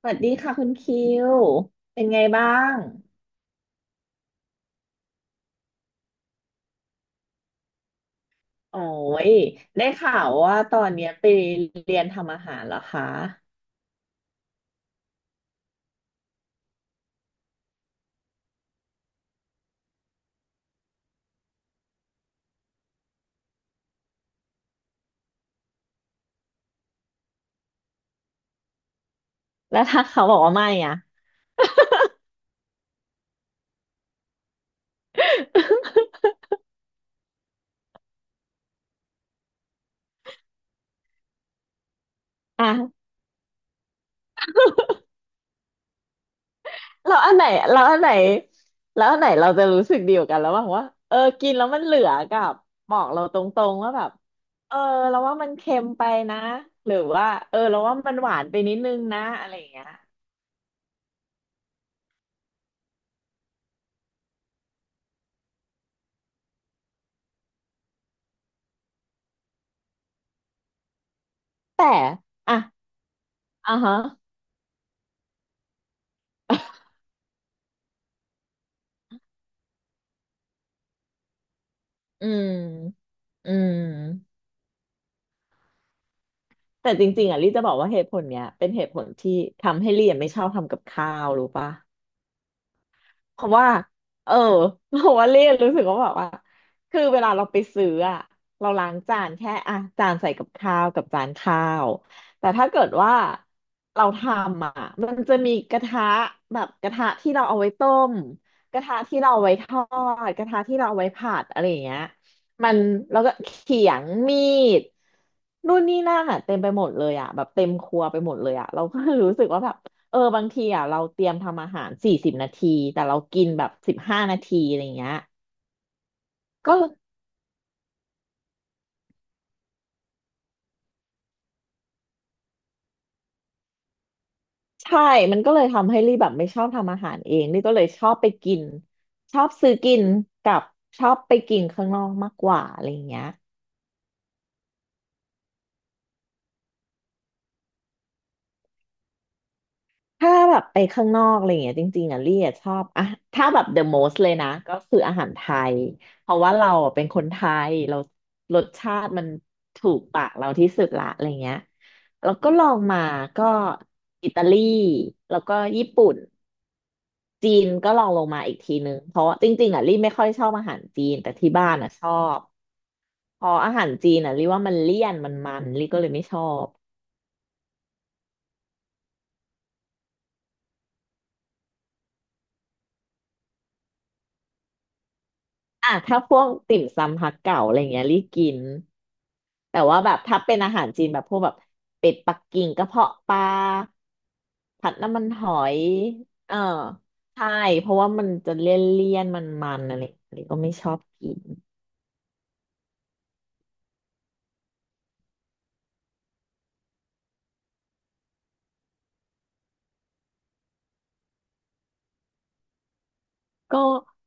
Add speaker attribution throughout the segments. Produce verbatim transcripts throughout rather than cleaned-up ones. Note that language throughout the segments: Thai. Speaker 1: สวัสดีค่ะคุณคิว เป็นไงบ้าง โอ้ย ได้ข่าวว่าตอนเนี้ยไปเรียนทำอาหารเหรอคะ แล้วถ้าเขาบอกว่าไม่อ่ะ อ่ะแล้วอันไหนแล้วอันไหนแล้วอันไหนเราจะรู้สึกดีกว่ากันระหว่างว่า เออ กินแล้วมันเหลือกับบอกเราตรงๆว่าแบบเออเราว่ามันเค็มไปนะ หรือว่า เออเราว่ามันหวานไปนิดนึงนะอะไรอย่างเงี้ยแต่อ่ะอ่ะฮะอืมอืม แต่จริงๆอ่ะลี่จะบอกว่าเหตุผลเนี้ย เป็นเหตุผลที่ทำให้ลี่อะไม่ชอบทำกับข้าวรู้ปะ เพราะว่าเออ เพราะว่าเล่นรู้สึกว่าแบบว่าคือเวลาเราไปซื้ออะเราล้างจานแค่อ่ะจานใส่กับข้าวกับจานข้าวแต่ถ้าเกิดว่าเราทำอ่ะมันจะมีกระทะแบบกระทะที่เราเอาไว้ต้มกระทะที่เราเอาไว้ทอดกระทะที่เราเอาไว้ผัดอะไรอย่างเงี้ยมันแล้วก็เขียงมีดนู่นนี่นั่นอ่ะเต็มไปหมดเลยอ่ะแบบเต็มครัวไปหมดเลยอ่ะเราก็ รู้สึกว่าแบบ เออบางทีอ่ะเราเตรียมทำอาหารสี่สิบนาทีแต่เรากินแบบสิบห้านาทีอะไรเงี้ยก็ใช่มันก็เลยทำให้ลี่แบบไม่ชอบทำอาหารเองลี่ก็เลยชอบไปกินชอบซื้อกินกับชอบไปกินข้างนอกมากกว่าอะไรเงี้ย ถ้าแบบไปข้างนอกอะไรอย่างเงี้ยจริงๆอ่ะลี่อะชอบอ่ะถ้าแบบ the most เลยนะก็คืออาหารไทยเพราะว่าเราอะเป็นคนไทยเรารสชาติมันถูกปากเราที่สุดละอะไรเงี้ยแล้วก็ลองมาก็อิตาลีแล้วก็ญี่ปุ่นจีนก็ลองลงมาอีกทีนึงเพราะว่าจริงๆอ่ะลี่ไม่ค่อยชอบอาหารจีนแต่ที่บ้านอ่ะชอบพออาหารจีนอ่ะลี่ว่ามันเลี่ยนมันมันลี่ก็เลยไม่ชอบ อ่ะถ้าพวกติ่มซำฮักเก๋าอะไรเงี้ยรีบกินแต่ว่าแบบถ้าเป็นอาหารจีนแบบพวกแบบเป็ดปักกิ่งกระเพาะปลาผัดน้ำมันหอยเออใช่เพราะว่ามันจะเลี่ยนเลี่ยนมันมันๆอะไรอะไรก็ไม่ชอบกินก็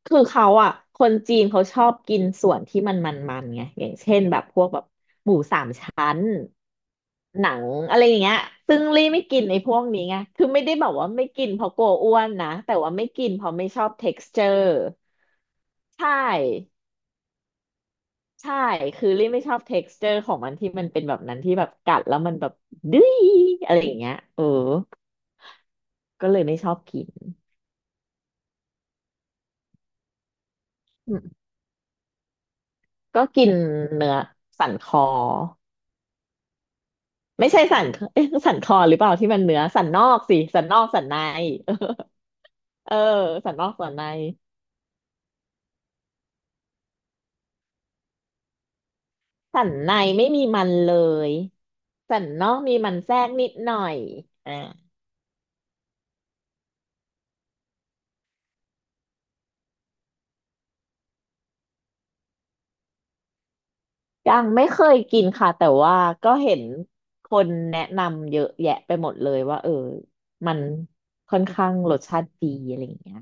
Speaker 1: คือเขาอ่ะคนจีนเขาชอบกินส่วนที่มันมันมันไงอย่างเช่นแบบพวกแบบ ชั้นหนังอะไรอย่างเงี้ยซึ่งลี่ไม่กินไอ้พวกนี้ไงคือไม่ได้แบบว่าไม่กินเพราะกลัวอ้วนนะแต่ว่าไม่กินเพราะไม่ชอบ texture ใช่ใช่คือลี่ไม่ชอบ texture ของมันที่มันเป็นแบบนั้นที่แบบกัดแล้วมันแบบดื้ยอะไรอย่างเงี้ยเออก็เลยไม่ชอบกินอืมก็กินเนื้อสันคอไม่ใช่สันเอ๊ะสันคอหรือเปล่าที่มันเนื้อสันนอกสิสันนอกสันใน เออสันนอกสันใน สันในไม่มีมันเลยสันนอกมีมันแทรกนิดหน่อยอ่ายังไม่เคยกินค่ะแต่ว่าก็เห็นคนแนะนำเยอะแยะไปหมดเลยว่าเออมันค่อนข้างรสชาติดีอะไรอย่างเงี้ย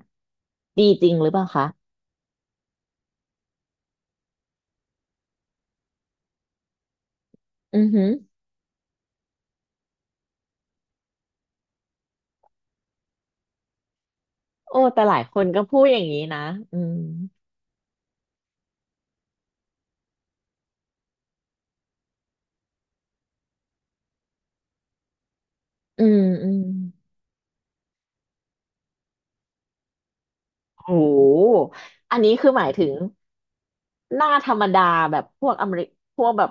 Speaker 1: ดีจริงหรือเปล่าคะอือหือโอ้แต่หลายคนก็พูดอย่างนี้นะอืมอืมอืมโหอันนี้คือหมายถึง หน้าธรรมดาแบบพวกอเมริพวกแบบ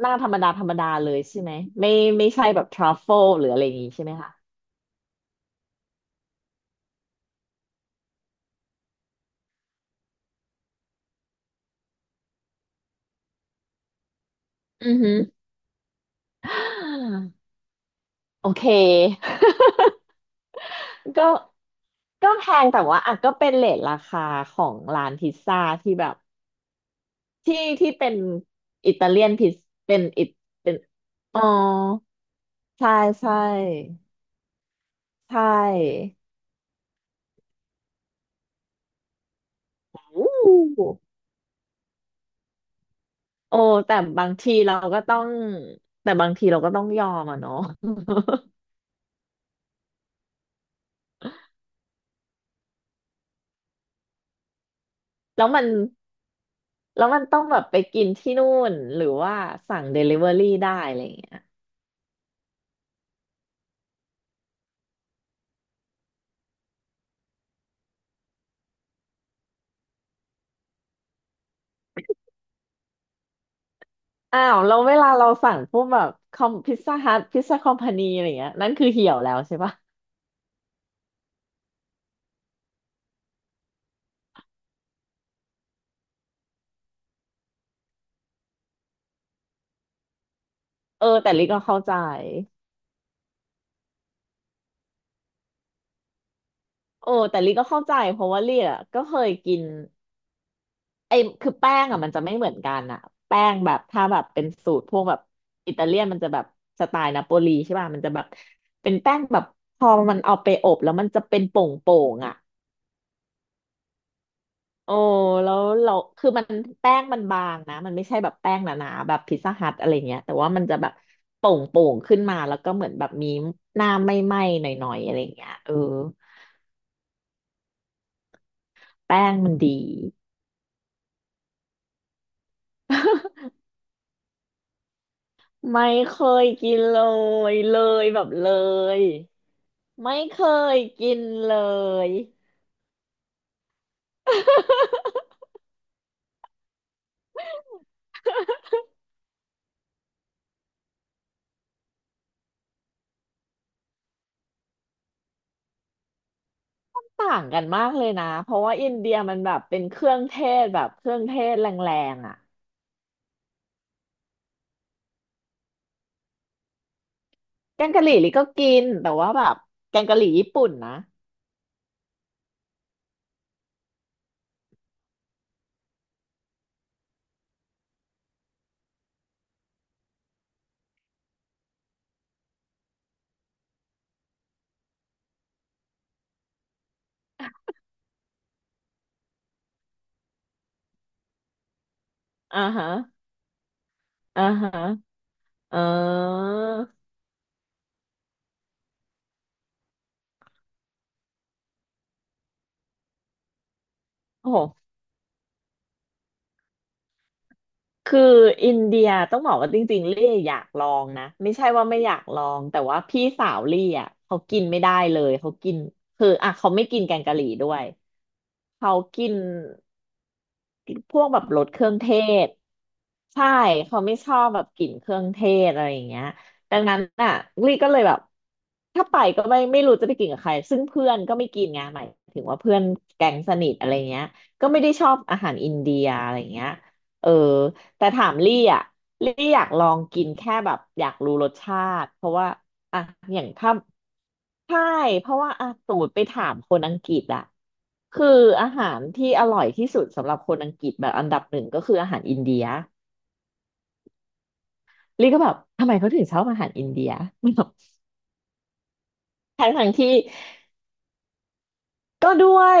Speaker 1: หน้าธรรมดาธรรมดาเลยใช่ไหมไม่ไม่ใช่แบบทรัฟเฟิลหรืออะไรอย่างงี้ใช่ไหมคะอือฮึโอเค ก็ก็แพงแต่ว่าอ่ะก็เป็นเรทราคาของร้านพิซซ่าที่แบบที่ที่เป็นอิตาเลียนพิซเป็นอิตเป็นอ๋อใช่ใช่ใช่อู้โอ้แต่บางทีเราก็ต้องแต่บางทีเราก็ต้องยอมอ่ะเนาะ แล้วมันแล้วมันต้องแบบไปกินที่นู่นหรือว่าสั่งเดลิเวอรี่ได้อะไรอย่างเงี้ยอ้าวแล้วเวลาเราสั่งพวกแบบคอมพิซซ่าฮัทพิซซ่าคอมพานีอะไรเงี้ยนั่นคือเหี่ยวแล้วใช่ปะเออแต่ลิก็เข้าใจโอ้แต่ลิก็เข้าใจเพราะว่าลิอ่ะก็เคยกินไอ้คือแป้งอ่ะมันจะไม่เหมือนกันอ่ะแป้งแบบถ้าแบบเป็นสูตรพวกแบบอิตาเลียนมันจะแบบสไตล์นาโปลีใช่ป่ะมันจะแบบเป็นแป้งแบบพอมันเอาไปอบแล้วมันจะเป็นโป่งๆอ่ะ โอ้แล้วเราคือมันแป้งมันบางนะมันไม่ใช่แบบแป้งหนาๆแบบพิซซ่าฮัทอะไรเงี้ยแต่ว่ามันจะแบบโป่งๆขึ้นมาแล้วก็เหมือนแบบมีหน้าไหม้ๆหน่อยๆอะไรเงี้ยเออแป้งมันดีไม่เคยกินเลยเลยแบบเลยไม่เคยกินเลย ต่างกันมากเลยนะเพราะว่าอินเดียมันแบบเป็นเครื่องเทศแบบเครื่องเทศแรงๆอ่ะแกงกะหรี่ลิก็กินแต่ว่าแบบแกงกะหรี่ญี่ปุ่นนะ อ่าฮะอ่าฮะเออโอ้โห คืออินเดียต้องบอกว่าจริงๆลี่อยากลองนะ ไม่ใช่ว่าไม่อยากลอง แต่ว่าพี่สาวลี่อ่ะเขากินไม่ได้เลย เขากินคืออ่ะเขาไม่กินแกงกะหรี่ด้วย เขากิน พวกแบบรสเครื่องเทศใช่เขาไม่ชอบแบบกลิ่นเครื่องเทศอะไรอย่างเงี้ยดังนั้นอ่ะลี่ก็เลยแบบถ้าไปก็ไม่ไม่รู้จะไปกินกับใครซึ่งเพื่อนก็ไม่กินไงหมายถึงว่าเพื่อนแก๊งสนิทอะไรเงี้ยก็ไม่ได้ชอบอาหารอินเดียอะไรเงี้ยเออแต่ถามลี่อ่ะลี่อยากลองกินแค่แบบอยากรู้รสชาติเพราะว่า อ่ะอย่างถ้าใช่เพราะว่าอ่ะสมมติไปถามคนอังกฤษอะคืออาหารที่อร่อยที่สุดสำหรับคนอังกฤษแบบอันดับหนึ่งก็คืออาหารอินเดียลี่ก็แบบทำไมเขาถึงชอบอาหารอินเดีย แบบทั้งทงที่ก็ด้วย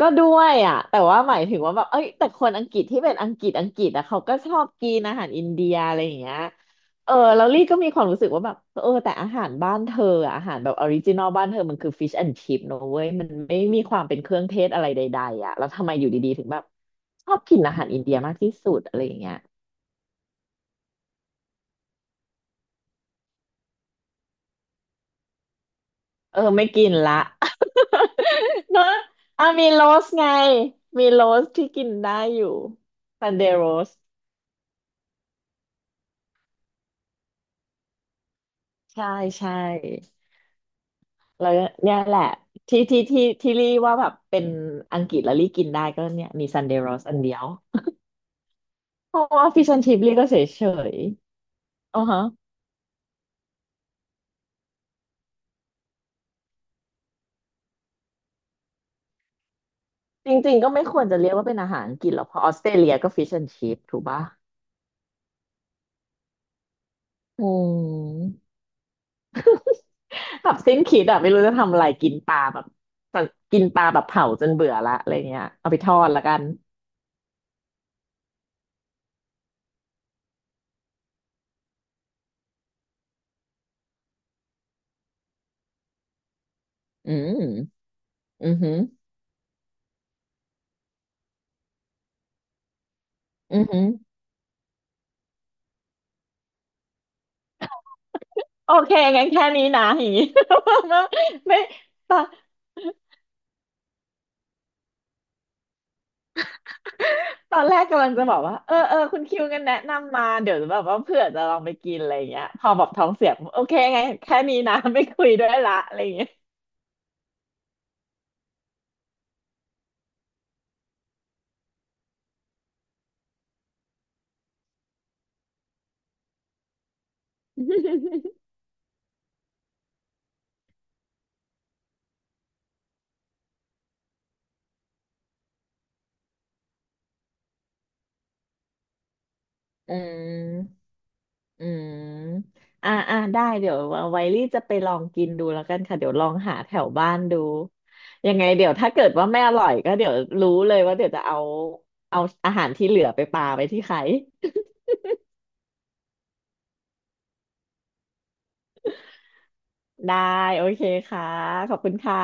Speaker 1: ก็ด้วยอ่ะแต่ว่าหมายถึงว่าแบบเอ้ยแต่คนอังกฤษที่เป็นอังกฤษอังกฤษอ่ะเขาก็ชอบกินอาหารอินเดียอะไรอย่างเงี้ยเออแล้วลี่ก็มีความรู้สึกว่าแบบเออแต่อาหารบ้านเธออะอาหารแบบออริจินอลบ้านเธอมันคือฟิชแอนด์ชิ p เนอะเว้ยมันไม่มีความเป็นเครื่องเทศอะไรใดๆอ่ะแล้วทำไมอยู่ดีๆถึงแบบชอบกินอาหารอินเดียมากที่สุดอะไรอย่างเงี้ยเออไม่กินละ เนอะอ่ะมีโรสไงมีโรสที่กินได้อยู่ซันเดย์โรสใช่ใช่ แล้วเนี่ยแหละที่ที่ที่ที่รี่ว่าแบบเป็นอังกฤษแล้วรี่กินได้ก็เนี่ยมีซันเดย์โรสอันเดียวเพราะว่าฟิชแอนชิพรี่ก็เฉยเฉยอ๋อฮะจริงๆก็ไม่ควรจะเรียกว่าเป็นอาหารอังกฤษหรอกเพราะออสเตรเลียก็ฟิชแอนชิพถูกปะอืมแบบสิ้นคิดอะไม่รู้จะทำอะไรกินปลาแบบกินปลาแบบเผาจนเบื่อละอะไรเงี้ยเอาไปทอดละกันอืมอือหืออือหือโอเคงั้นแค่นี้นะอย่างงี้ ไม่ไม่ตา ตอนแรกกำลังจะบอกว่าเออเออคุณคิวกันแนะนำมาเดี๋ยวแบบว่าเผื่อจะลองไปกินอะไรอย่างเงี้ยพอแบบท้องเสียผมโอเคไงแค่นี้นะ ไม่คุยด้วยละอะไรอย่างเงี้ย อืมอืมอ่าอ่าได้เดี๋ยวไวลี่จะไปลองกินดูแล้วกันค่ะเดี๋ยวลองหาแถวบ้านดูยังไงเดี๋ยวถ้าเกิดว่าไม่อร่อยก็เดี๋ยวรู้เลยว่าเดี๋ยวจะเอาเอาอาหารที่เหลือไปปาไปที่ใคร ได้โอเคค่ะขอบคุณค่ะ